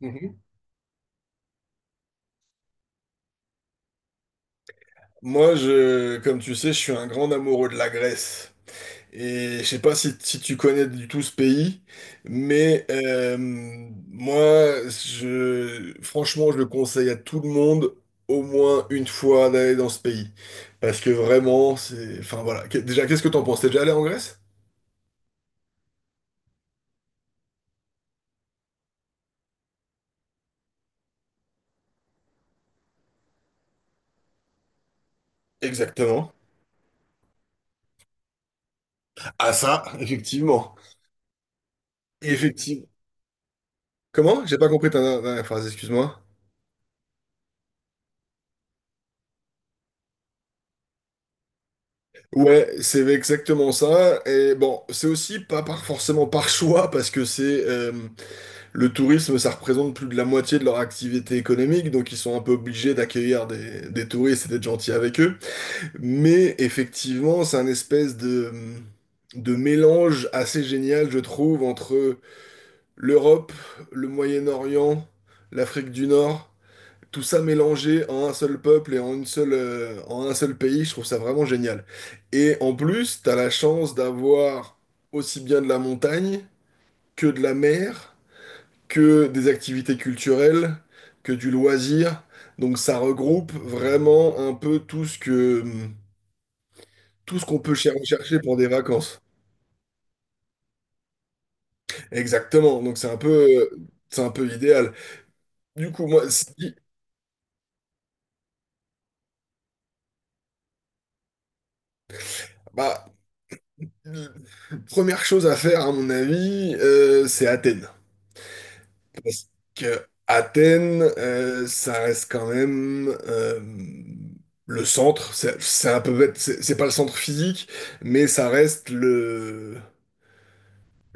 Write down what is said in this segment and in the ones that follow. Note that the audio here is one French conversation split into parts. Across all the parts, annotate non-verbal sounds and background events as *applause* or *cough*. Mhm. Moi, comme tu sais, je suis un grand amoureux de la Grèce. Et je sais pas si tu connais du tout ce pays, mais moi, franchement, je le conseille à tout le monde au moins une fois d'aller dans ce pays. Parce que vraiment, enfin voilà. Déjà, qu'est-ce que t'en penses? T'es déjà allé en Grèce? Exactement. Ah ça, effectivement. Effectivement. Comment? J'ai pas compris ta phrase, excuse-moi. Ouais, c'est exactement ça. Et bon, c'est aussi pas forcément par choix, parce que c'est le tourisme, ça représente plus de la moitié de leur activité économique, donc ils sont un peu obligés d'accueillir des touristes et d'être gentils avec eux. Mais effectivement, c'est un espèce de mélange assez génial, je trouve, entre l'Europe, le Moyen-Orient, l'Afrique du Nord tout ça mélangé en un seul peuple et en un seul pays, je trouve ça vraiment génial. Et en plus, t'as la chance d'avoir aussi bien de la montagne que de la mer, que des activités culturelles, que du loisir. Donc ça regroupe vraiment un peu tout ce qu'on peut chercher pour des vacances. Exactement. Donc c'est un peu idéal. Du coup, moi, bah, euh, première chose à faire, à mon avis, c'est Athènes. Parce que Athènes, ça reste quand même le centre. C'est un peu bête, c'est pas le centre physique, mais ça reste le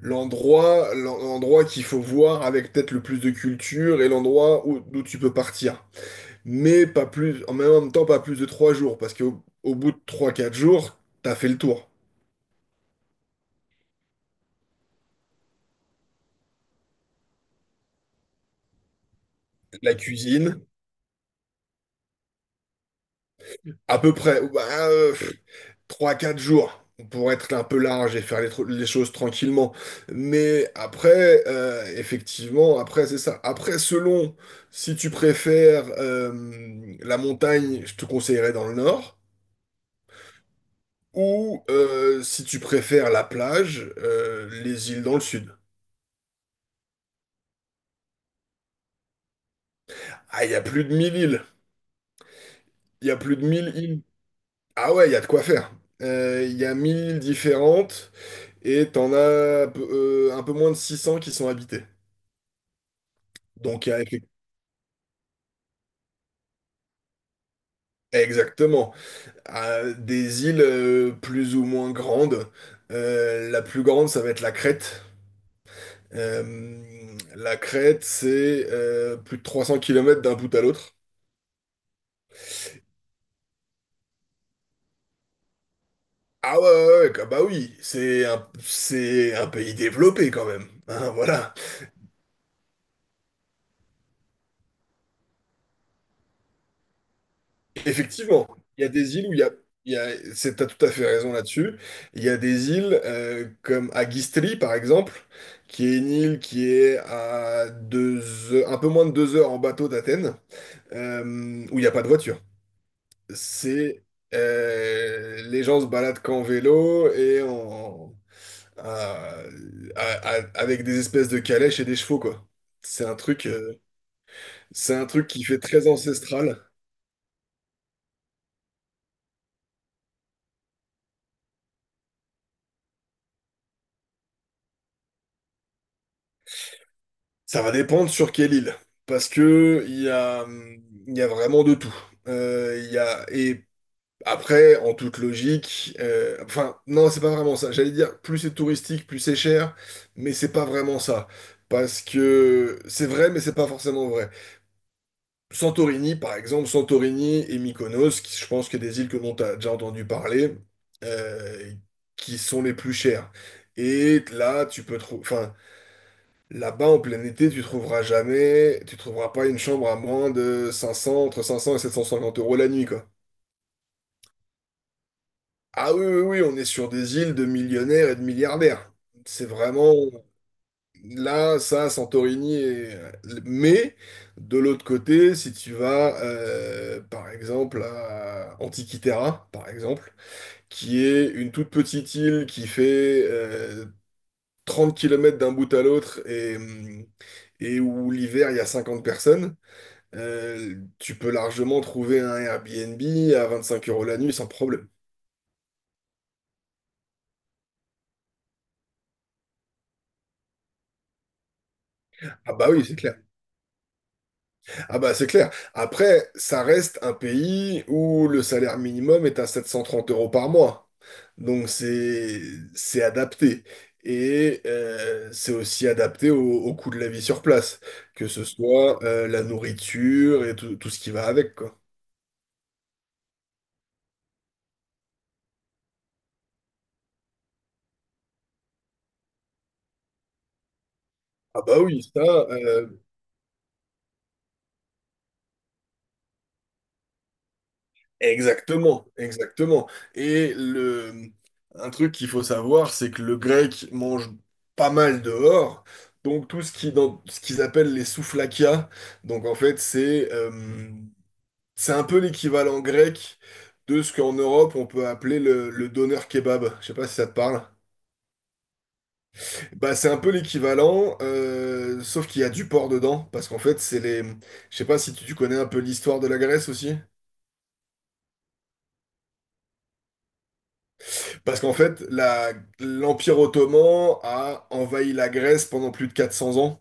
l'endroit l'en- l'endroit qu'il faut voir avec peut-être le plus de culture et l'endroit d'où tu peux partir. Mais pas plus, en même temps, pas plus de 3 jours, parce qu'au bout de 3, 4 jours, t'as fait le tour. La cuisine, à peu près. Bah, 3 4 jours pour être un peu large et faire les choses tranquillement. Mais après, effectivement, après, c'est ça. Après, selon si tu préfères la montagne, je te conseillerais dans le nord, ou si tu préfères la plage, les îles dans le sud. Ah, il y a plus de 1 000 îles. Il y a plus de mille îles. Ah ouais, il y a de quoi faire. Il y a 1 000 îles différentes et t'en as un peu moins de 600 qui sont habitées. Donc, il y a Exactement. À des îles plus ou moins grandes. La plus grande, ça va être la Crète. La Crète, c'est plus de 300 kilomètres d'un bout à l'autre. Ah ouais, ouais, ouais, bah oui, c'est un pays développé quand même. Hein, voilà. Effectivement, il y a des îles où il y a, c'est, t'as tout à fait raison là-dessus. Il y a des îles comme Agistri, par exemple, qui est une île qui est un peu moins de 2 heures en bateau d'Athènes, où il n'y a pas de voiture. C'est Les gens se baladent qu'en vélo et en, à- à- avec des espèces de calèches et des chevaux, quoi. C'est un truc, euh, c'est un truc qui fait très ancestral. Ça va dépendre sur quelle île, parce que il y a vraiment de tout. Il y a, et Après, en toute logique, enfin, non, c'est pas vraiment ça. J'allais dire, plus c'est touristique, plus c'est cher, mais c'est pas vraiment ça. Parce que c'est vrai, mais c'est pas forcément vrai. Santorini, par exemple, Santorini et Mykonos, je pense que des îles que l'on t'a déjà entendu parler, euh, qui sont les plus chères. Et là, tu peux trouver, enfin, là-bas, en plein été, tu trouveras pas une chambre à moins de 500, entre 500 et 750 euros la nuit, quoi. Ah oui, oui, oui, on est sur des îles de millionnaires et de milliardaires. C'est vraiment là, ça, Santorini. Mais de l'autre côté, si tu vas, par exemple, à Antikythera, par exemple, qui est une toute petite île qui fait 30 km d'un bout à l'autre et où l'hiver, il y a 50 personnes, tu peux largement trouver un Airbnb à 25 euros la nuit sans problème. Ah bah oui, c'est clair. Ah bah c'est clair. Après, ça reste un pays où le salaire minimum est à 730 euros par mois. Donc c'est adapté. Et c'est aussi adapté au coût de la vie sur place, que ce soit la nourriture et tout, tout ce qui va avec, quoi. Ah bah oui, ça, euh, exactement, exactement. Et le, un truc qu'il faut savoir, c'est que le grec mange pas mal dehors. Donc tout ce qui dans ce qu'ils appellent les souflakias, donc en fait c'est un peu l'équivalent grec de ce qu'en Europe on peut appeler le doner kebab. Je sais pas si ça te parle. Bah c'est un peu l'équivalent, sauf qu'il y a du porc dedans, parce qu'en fait c'est les. Je sais pas si tu connais un peu l'histoire de la Grèce aussi. Parce qu'en fait, l'Empire ottoman a envahi la Grèce pendant plus de 400 ans.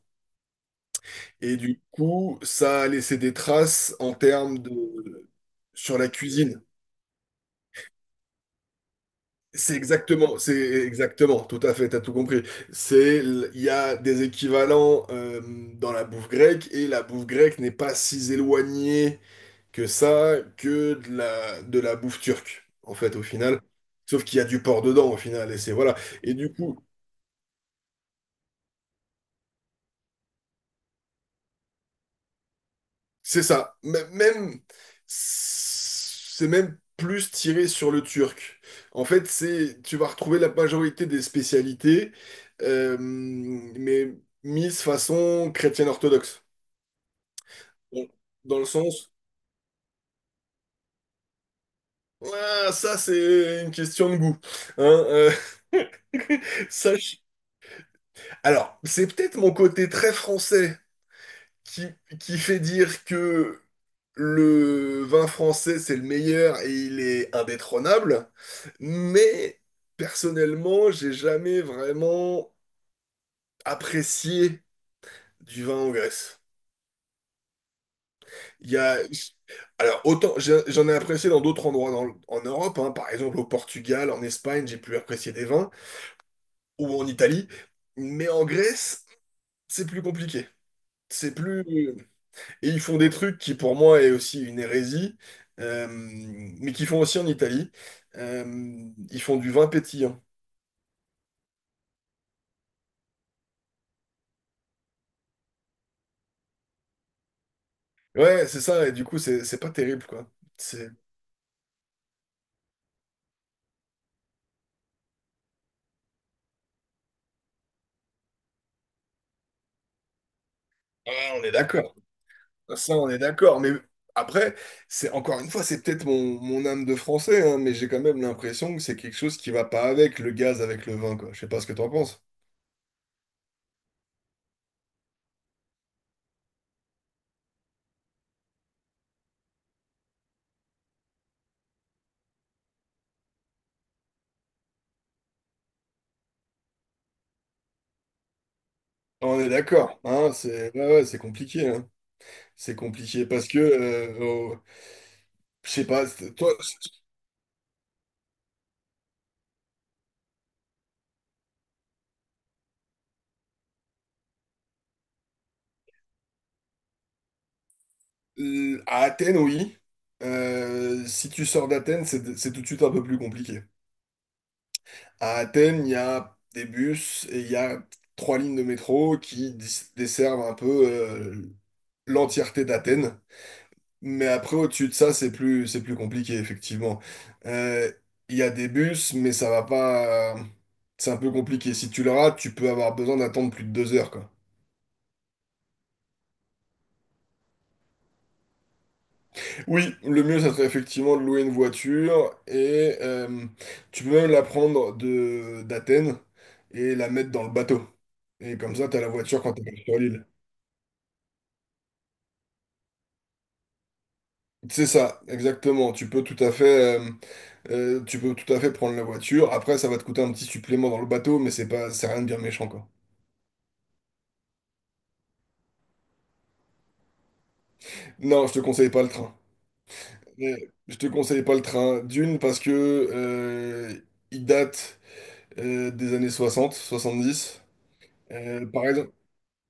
Et du coup, ça a laissé des traces en termes de. Sur la cuisine. C'est exactement, tout à fait, t'as tout compris. Il y a des équivalents dans la bouffe grecque et la bouffe grecque n'est pas si éloignée que ça que de la bouffe turque, en fait, au final. Sauf qu'il y a du porc dedans, au final, et c'est voilà. Et du coup, C'est ça. Même, c'est même plus tiré sur le turc. En fait, tu vas retrouver la majorité des spécialités, mais mises façon chrétienne orthodoxe. Bon. Dans le sens, Ah, ça c'est une question de goût. Hein, *laughs* ça, je- Alors, c'est peut-être mon côté très français qui, qui fait dire que le vin français, c'est le meilleur et il est indétrônable. Mais personnellement, j'ai jamais vraiment apprécié du vin en Grèce. Il y a... Alors, autant j'en ai apprécié dans d'autres endroits en Europe, hein, par exemple au Portugal, en Espagne, j'ai pu apprécier des vins, ou en Italie, mais en Grèce, c'est plus compliqué. C'est plus. Et ils font des trucs qui pour moi est aussi une hérésie, euh, mais qu'ils font aussi en Italie. Ils font du vin pétillant. Ouais, c'est ça, et du coup, c'est pas terrible, quoi. C'est... Ah, on est d'accord. Ça, on est d'accord. Mais après, c'est encore une fois, c'est peut-être mon âme de français, hein, mais j'ai quand même l'impression que c'est quelque chose qui va pas avec le gaz, avec le vin, quoi. Je sais pas ce que t'en penses. On est d'accord, hein, c'est ouais, ouais, c'est compliqué, hein. C'est compliqué parce que, je sais pas, toi, à Athènes, oui. Si tu sors d'Athènes, c'est tout de suite un peu plus compliqué. À Athènes, il y a des bus et il y a trois lignes de métro qui desservent un peu l'entièreté d'Athènes. Mais après, au-dessus de ça, c'est plus compliqué, effectivement. Euh, Il y a des bus, mais ça va pas. C'est un peu compliqué. Si tu le rates, tu peux avoir besoin d'attendre plus de 2 heures, quoi. Oui, le mieux, ça serait effectivement de louer une voiture et tu peux même la prendre de d'Athènes et la mettre dans le bateau. Et comme ça, t'as la voiture quand tu sur l'île. C'est ça, exactement. Tu peux tout à fait, tu peux tout à fait prendre la voiture. Après, ça va te coûter un petit supplément dans le bateau, mais c'est rien de bien méchant, quoi. Non, je te conseille pas le train. Mais je te conseille pas le train. D'une, parce que il date des années 60, 70. Par exemple,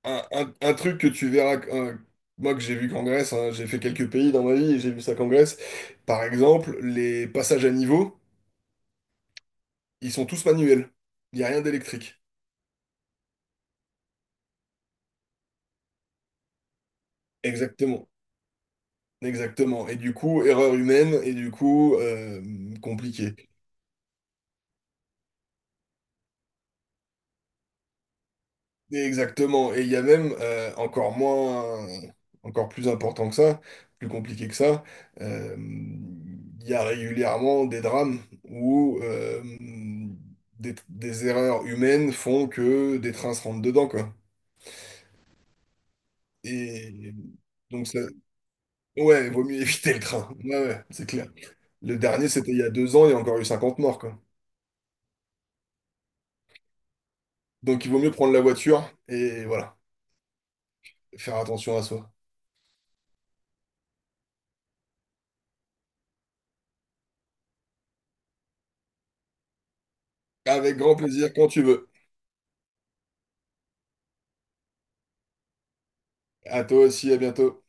un truc que tu verras, moi que j'ai vu qu'en Grèce, hein, j'ai fait quelques pays dans ma vie et j'ai vu ça qu'en Grèce. Par exemple, les passages à niveau, ils sont tous manuels. Il n'y a rien d'électrique. Exactement. Exactement. Et du coup, erreur humaine, et du coup, compliqué. Exactement. Et il y a même encore plus important que ça, plus compliqué que ça, il y a régulièrement des drames où des erreurs humaines font que des trains se rentrent dedans, quoi. Et donc ça, ouais, vaut mieux *laughs* éviter le train. Ouais, ouais, c'est clair. Le dernier, c'était il y a 2 ans, il y a encore eu 50 morts, quoi. Donc il vaut mieux prendre la voiture et voilà, faire attention à soi. Avec grand plaisir quand tu veux. À toi aussi, à bientôt.